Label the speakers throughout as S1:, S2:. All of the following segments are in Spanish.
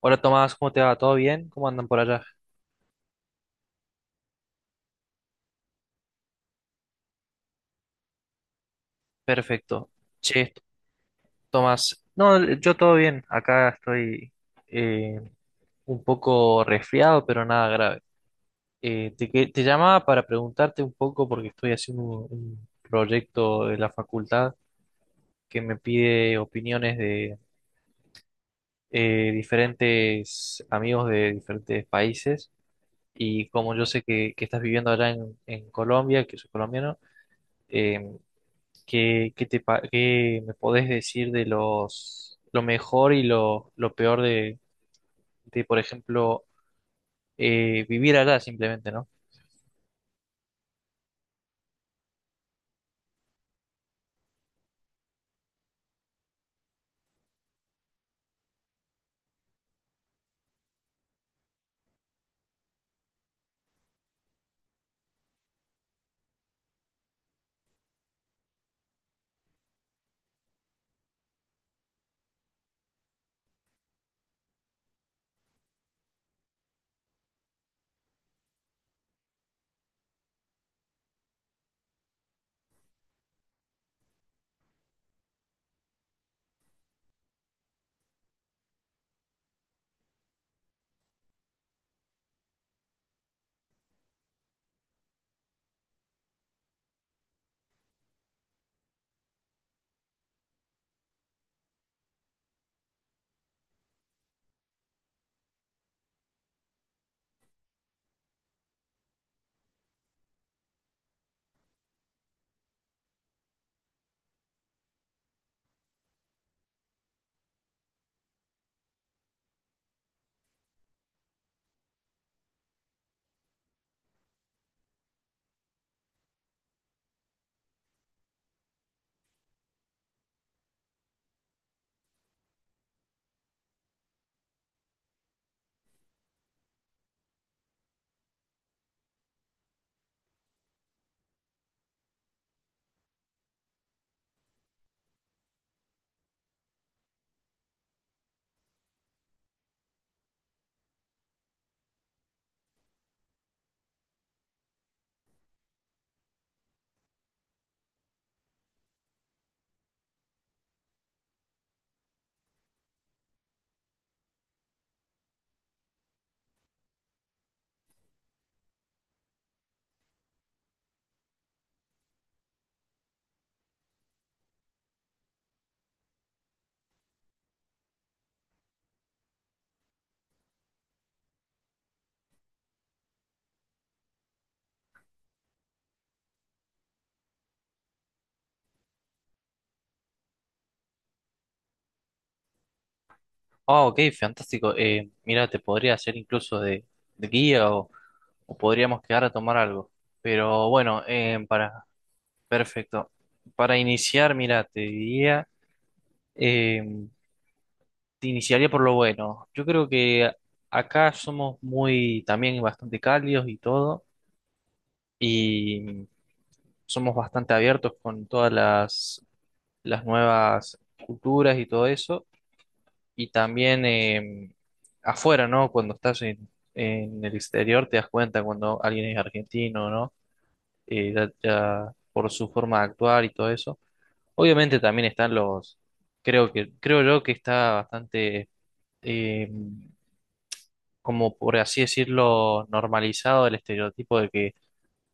S1: Hola Tomás, ¿cómo te va? ¿Todo bien? ¿Cómo andan por allá? Perfecto. Che, Tomás. No, yo todo bien. Acá estoy eh, un poco resfriado, pero nada grave. Te llamaba para preguntarte un poco porque estoy haciendo un proyecto de la facultad que me pide opiniones de diferentes amigos de diferentes países. Y como yo sé que estás viviendo allá en Colombia, que soy colombiano. em, Qué me podés decir de lo mejor y lo peor de, por ejemplo, vivir allá simplemente, ¿no? Ah, ok, fantástico. Mira, te podría hacer incluso de guía, o podríamos quedar a tomar algo. Pero bueno, perfecto. Para iniciar, mira, te diría, eh, te iniciaría por lo bueno. Yo creo que acá somos muy, también bastante cálidos y todo. Y somos bastante abiertos con las nuevas culturas y todo eso. Y también afuera, ¿no? Cuando estás en el exterior te das cuenta cuando alguien es argentino, ¿no? Ya por su forma de actuar y todo eso. Obviamente también están creo yo que está bastante, eh, como por así decirlo, normalizado el estereotipo de que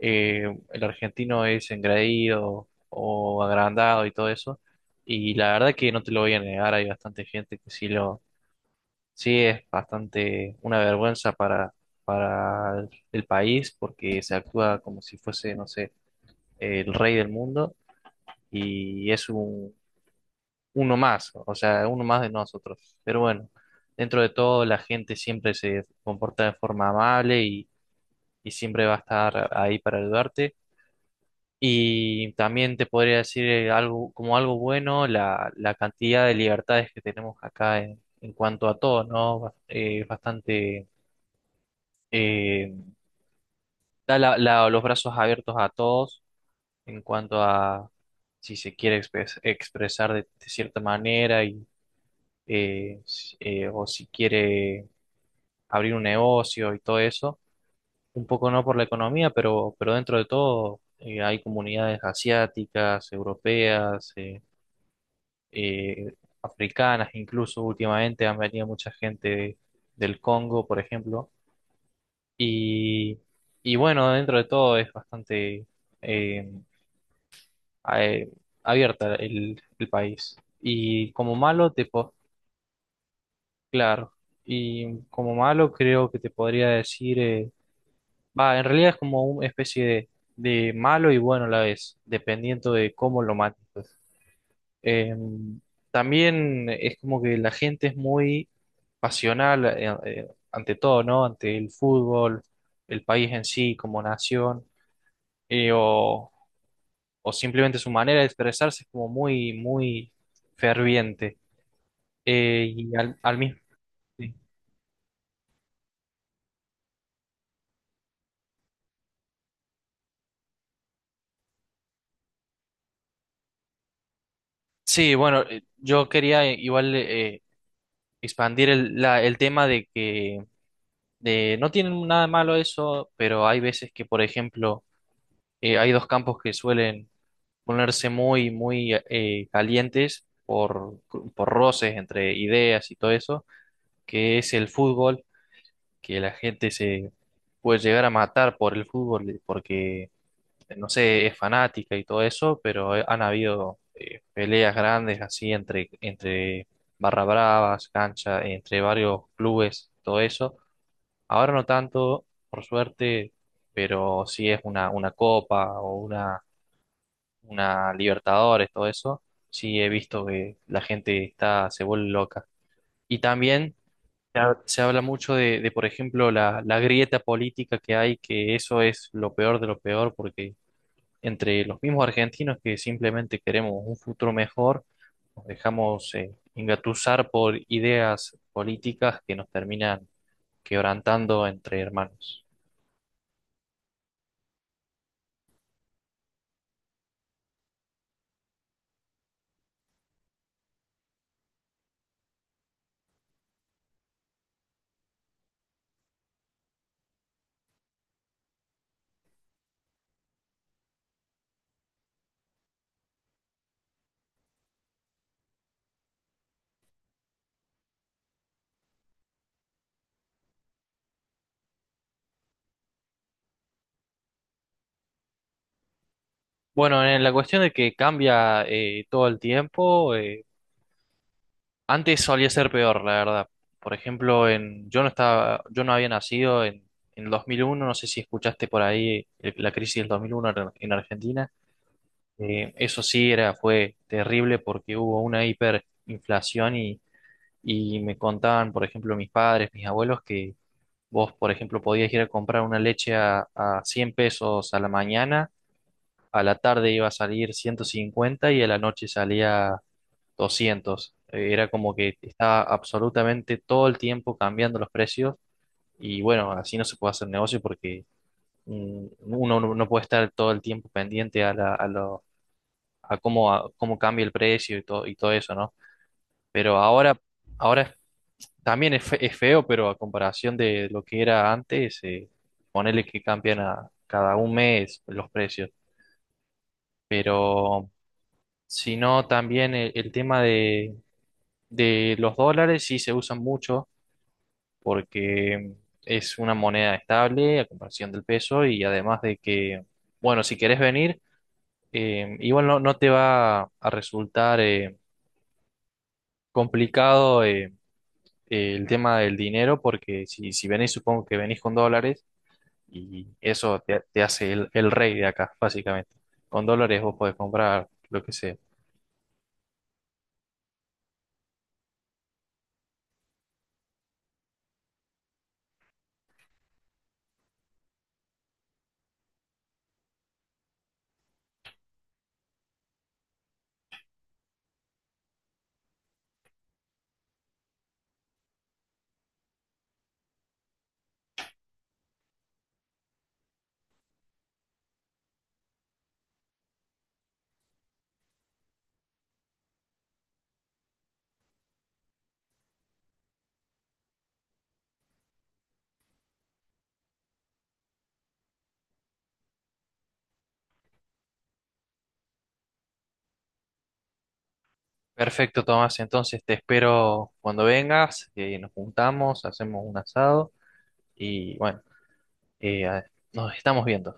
S1: eh, el argentino es engreído o agrandado y todo eso. Y la verdad que no te lo voy a negar, hay bastante gente sí, es bastante una vergüenza para el país, porque se actúa como si fuese, no sé, el rey del mundo y es uno más, o sea, uno más de nosotros. Pero bueno, dentro de todo la gente siempre se comporta de forma amable y siempre va a estar ahí para ayudarte. Y también te podría decir algo, como algo bueno, la cantidad de libertades que tenemos acá en cuanto a todo, ¿no? Es bastante, eh, da los brazos abiertos a todos en cuanto a si se quiere expresar de cierta manera y, o si quiere abrir un negocio y todo eso. Un poco no por la economía, pero dentro de todo hay comunidades asiáticas, europeas, eh, africanas. Incluso últimamente han venido mucha gente del Congo, por ejemplo. Y, y bueno, dentro de todo es bastante eh, a- eh, abierta el país. Y como malo, te po- Claro, y como malo creo que te podría decir, en realidad es como una especie de malo y bueno a la vez, dependiendo de cómo lo mates, pues. Eh, también es como que la gente es muy pasional ante todo, ¿no? Ante el fútbol, el país en sí como nación, eh, o, o simplemente su manera de expresarse es como muy, muy ferviente. Y al mismo... Sí, sí, bueno, yo quería, igual expandir el tema de que, de, no tienen nada de malo eso, pero hay veces que, por ejemplo, hay dos campos que suelen ponerse muy, muy calientes por roces entre ideas y todo eso, que es el fútbol, que la gente se puede llegar a matar por el fútbol porque, no sé, es fanática y todo eso, pero han habido peleas grandes así entre, entre barra bravas, cancha, entre varios clubes, todo eso. Ahora no tanto, por suerte, pero sí, es una copa o una Libertadores, todo eso, sí he visto que la gente está, se vuelve loca. Y también se habla mucho de, por ejemplo, la grieta política que hay, que eso es lo peor de lo peor, porque entre los mismos argentinos que simplemente queremos un futuro mejor, nos dejamos engatusar por ideas políticas que nos terminan quebrantando entre hermanos. Bueno, en la cuestión de que cambia todo el tiempo, antes solía ser peor, la verdad. Por ejemplo, yo no estaba, yo no había nacido en el 2001. No sé si escuchaste por ahí la crisis del 2001 en Argentina. Eso sí era, fue terrible porque hubo una hiperinflación y me contaban, por ejemplo, mis padres, mis abuelos, que vos, por ejemplo, podías ir a comprar una leche a 100 pesos a la mañana, a la tarde iba a salir 150, y a la noche salía 200. Era como que estaba absolutamente todo el tiempo cambiando los precios. Y bueno, así no se puede hacer negocio porque, mm, uno no puede estar todo el tiempo pendiente a, a cómo cambia el precio y todo eso, ¿no? Pero ahora, ahora también es, es feo, pero a comparación de lo que era antes, ponele que cambian a cada un mes los precios, pero si no, también el tema de los dólares sí se usan mucho, porque es una moneda estable a comparación del peso y además de que, bueno, si querés venir, igual no, no te va a resultar complicado el tema del dinero. Porque si venís, supongo que venís con dólares y eso te, te hace el rey de acá, básicamente. Con dólares vos podés comprar lo que sea. Perfecto, Tomás. Entonces te espero cuando vengas, nos juntamos, hacemos un asado y bueno, eh, nos estamos viendo.